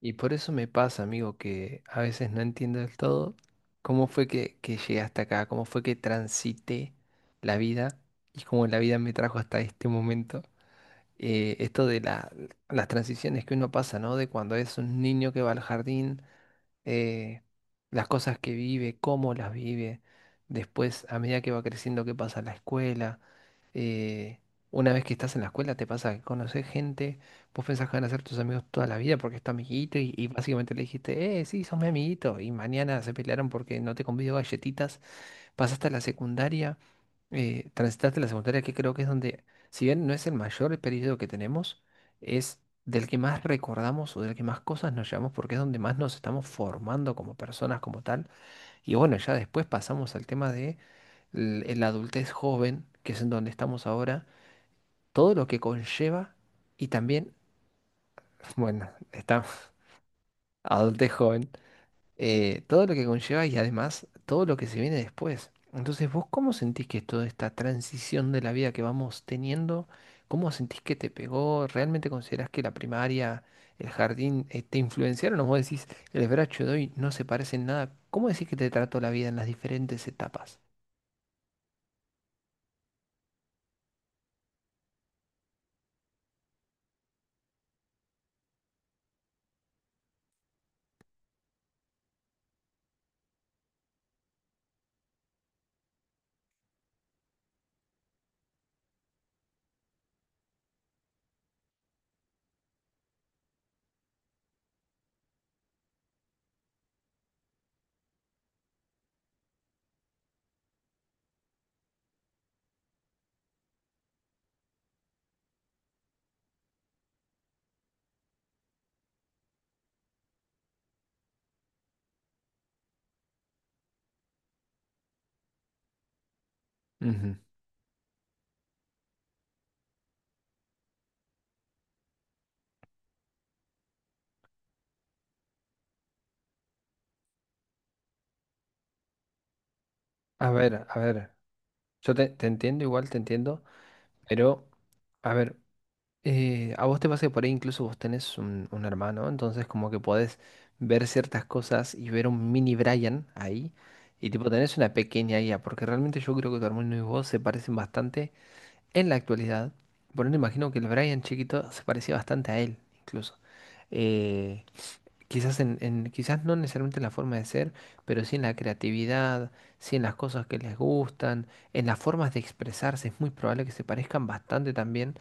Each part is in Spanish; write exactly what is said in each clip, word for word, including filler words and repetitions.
Y por eso me pasa, amigo, que a veces no entiendo del todo cómo fue que, que llegué hasta acá, cómo fue que transité la vida y cómo la vida me trajo hasta este momento. Eh, esto de la- las transiciones que uno pasa, ¿no? De cuando es un niño que va al jardín, eh, las cosas que vive, cómo las vive, después a medida que va creciendo, qué pasa en la escuela. eh, una vez que estás en la escuela te pasa que conoces gente, vos pensás que van a ser tus amigos toda la vida porque es tu amiguito y, y básicamente le dijiste, eh, sí, sos mi amiguito y mañana se pelearon porque no te convido galletitas, pasaste a la secundaria, eh, transitaste la secundaria que creo que es donde, si bien no es el mayor periodo que tenemos, es del que más recordamos o del que más cosas nos llevamos porque es donde más nos estamos formando como personas, como tal. Y bueno, ya después pasamos al tema de l- la adultez joven, que es en donde estamos ahora, todo lo que conlleva y también, bueno, está adultez joven, eh, todo lo que conlleva y además todo lo que se viene después. Entonces, ¿vos cómo sentís que es toda esta transición de la vida que vamos teniendo? ¿Cómo sentís que te pegó? ¿Realmente considerás que la primaria, el jardín, eh, te influenciaron? ¿O vos decís, el bracho de hoy no se parece en nada? ¿Cómo decís que te trató la vida en las diferentes etapas? Ujú. A ver, a ver, yo te, te entiendo, igual te entiendo, pero a ver, eh, a vos te pasa que por ahí incluso vos tenés un, un hermano, entonces como que podés ver ciertas cosas y ver un mini Brian ahí y tipo tenés una pequeña I A, porque realmente yo creo que tu hermano y vos se parecen bastante en la actualidad. Por eso imagino que el Brian chiquito se parecía bastante a él, incluso. Eh, Quizás, en, en- quizás no necesariamente en la forma de ser, pero sí en la creatividad, sí en las cosas que les gustan, en las formas de expresarse. Es muy probable que se parezcan bastante también,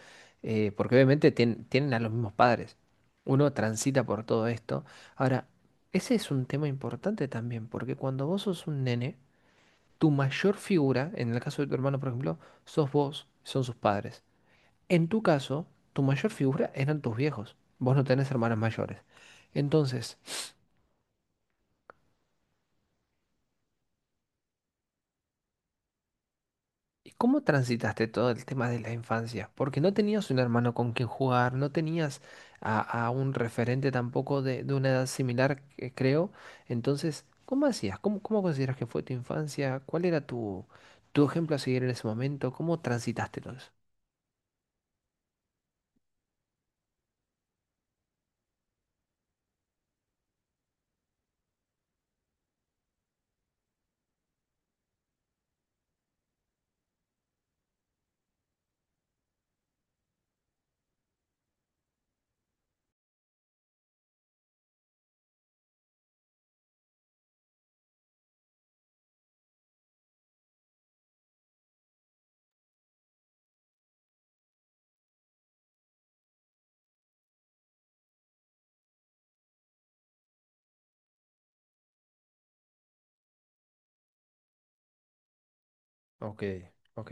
eh, porque obviamente tien- tienen a los mismos padres. Uno transita por todo esto. Ahora, ese es un tema importante también, porque cuando vos sos un nene, tu mayor figura, en el caso de tu hermano, por ejemplo, sos vos, son sus padres. En tu caso, tu mayor figura eran tus viejos. Vos no tenés hermanos mayores. Entonces, ¿y cómo transitaste todo el tema de la infancia? Porque no tenías un hermano con quien jugar, no tenías a, a un referente tampoco de, de una edad similar, que creo. Entonces, ¿cómo hacías? ¿Cómo, cómo consideras que fue tu infancia? ¿Cuál era tu, tu ejemplo a seguir en ese momento? ¿Cómo transitaste todo eso? Ok, ok,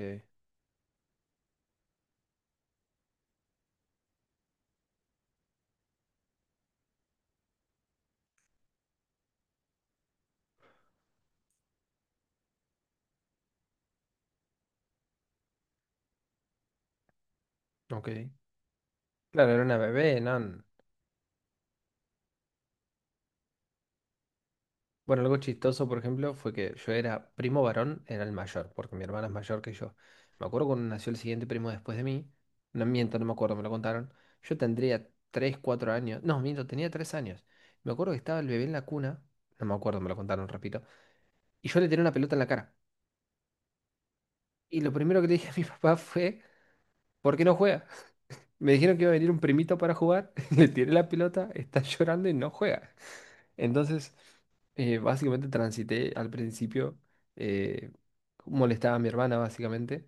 ok. Claro, era una bebé, ¿no? Bueno, algo chistoso, por ejemplo, fue que yo era primo varón, era el mayor, porque mi hermana es mayor que yo. Me acuerdo cuando nació el siguiente primo después de mí, no miento, no me acuerdo, me lo contaron. Yo tendría tres, cuatro años, no, miento, tenía tres años. Me acuerdo que estaba el bebé en la cuna, no me acuerdo, me lo contaron, repito, y yo le tiré una pelota en la cara. Y lo primero que le dije a mi papá fue, ¿por qué no juega? Me dijeron que iba a venir un primito para jugar, le tiré la pelota, está llorando y no juega. Entonces, eh, básicamente transité al principio, eh, molestaba a mi hermana básicamente,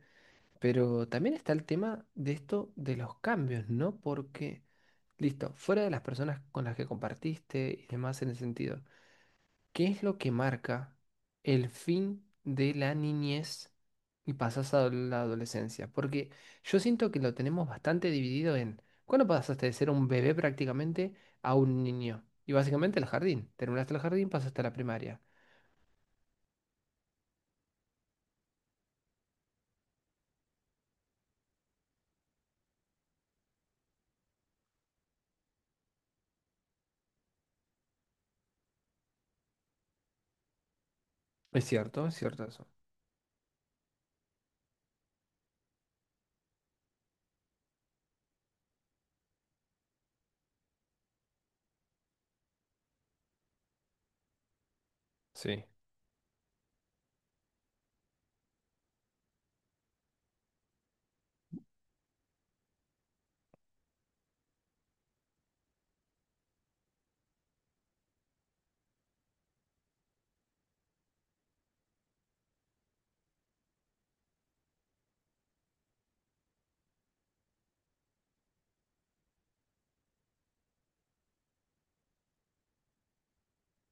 pero también está el tema de esto de los cambios, ¿no? Porque, listo, fuera de las personas con las que compartiste y demás en ese sentido. ¿Qué es lo que marca el fin de la niñez y pasas a la adolescencia? Porque yo siento que lo tenemos bastante dividido en cuándo pasaste de ser un bebé prácticamente a un niño. Y básicamente el jardín. Terminaste el jardín, pasaste a la primaria. Es cierto, es cierto eso. Sí,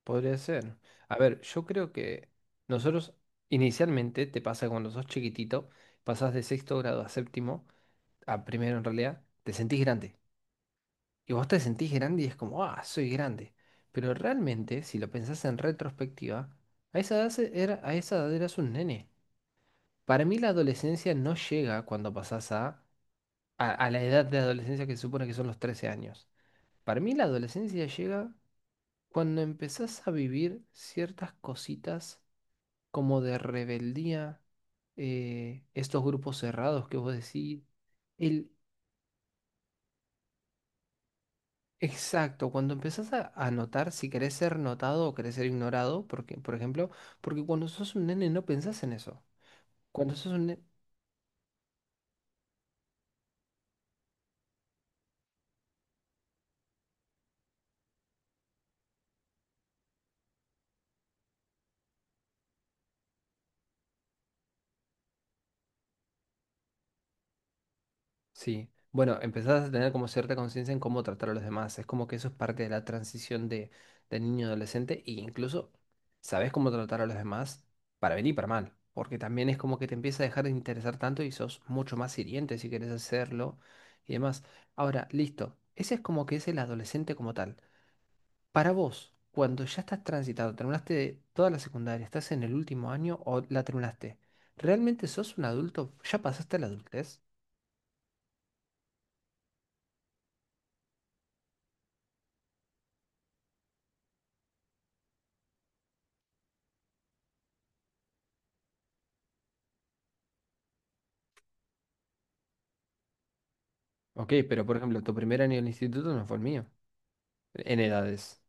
podría ser. A ver, yo creo que nosotros inicialmente te pasa cuando sos chiquitito, pasás de sexto grado a séptimo, a primero en realidad, te sentís grande. Y vos te sentís grande y es como, ah, soy grande. Pero realmente, si lo pensás en retrospectiva, a esa edad, se- era, a esa edad eras un nene. Para mí la adolescencia no llega cuando pasás a, a, a la edad de adolescencia que se supone que son los trece años. Para mí la adolescencia llega cuando empezás a vivir ciertas cositas como de rebeldía, eh, estos grupos cerrados que vos decís, el, exacto, cuando empezás a, a notar si querés ser notado o querés ser ignorado, porque, por ejemplo, porque cuando sos un nene no pensás en eso. Cuando sos un nene, sí. Bueno, empezás a tener como cierta conciencia en cómo tratar a los demás. Es como que eso es parte de la transición de, de niño a adolescente e incluso sabés cómo tratar a los demás para bien y para mal. Porque también es como que te empieza a dejar de interesar tanto y sos mucho más hiriente si querés hacerlo y demás. Ahora, listo. Ese es como que es el adolescente como tal. Para vos, cuando ya estás transitado, terminaste toda la secundaria, estás en el último año o la terminaste, ¿realmente sos un adulto? ¿Ya pasaste la adultez? Ok, pero por ejemplo, tu primer año en el instituto no fue el mío, en edades.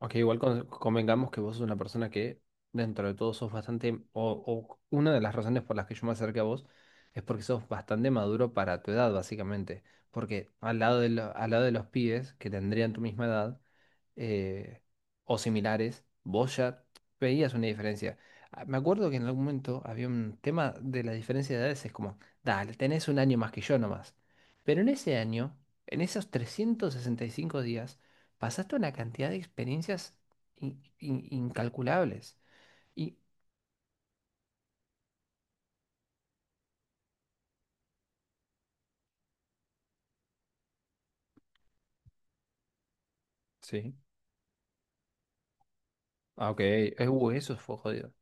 Aunque igual con- convengamos que vos sos una persona que dentro de todo sos bastante, o, o una de las razones por las que yo me acerqué a vos es porque sos bastante maduro para tu edad, básicamente. Porque al lado de, lo- al lado de los pibes que tendrían tu misma edad, eh, o similares, vos ya veías una diferencia. Ah, me acuerdo que en algún momento había un tema de la diferencia de edades, es como, dale, tenés un año más que yo nomás. Pero en ese año, en esos trescientos sesenta y cinco días, pasaste una cantidad de experiencias in- in- incalculables. Y sí. Ah, ok. Eh, uh, eso fue jodido.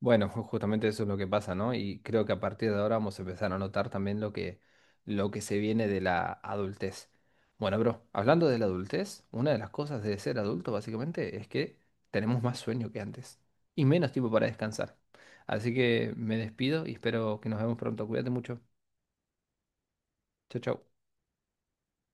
Bueno, ju- justamente eso es lo que pasa, ¿no? Y creo que a partir de ahora vamos a empezar a notar también lo que, lo que se viene de la adultez. Bueno, bro, hablando de la adultez, una de las cosas de ser adulto básicamente es que tenemos más sueño que antes y menos tiempo para descansar. Así que me despido y espero que nos vemos pronto. Cuídate mucho. Chao, chao.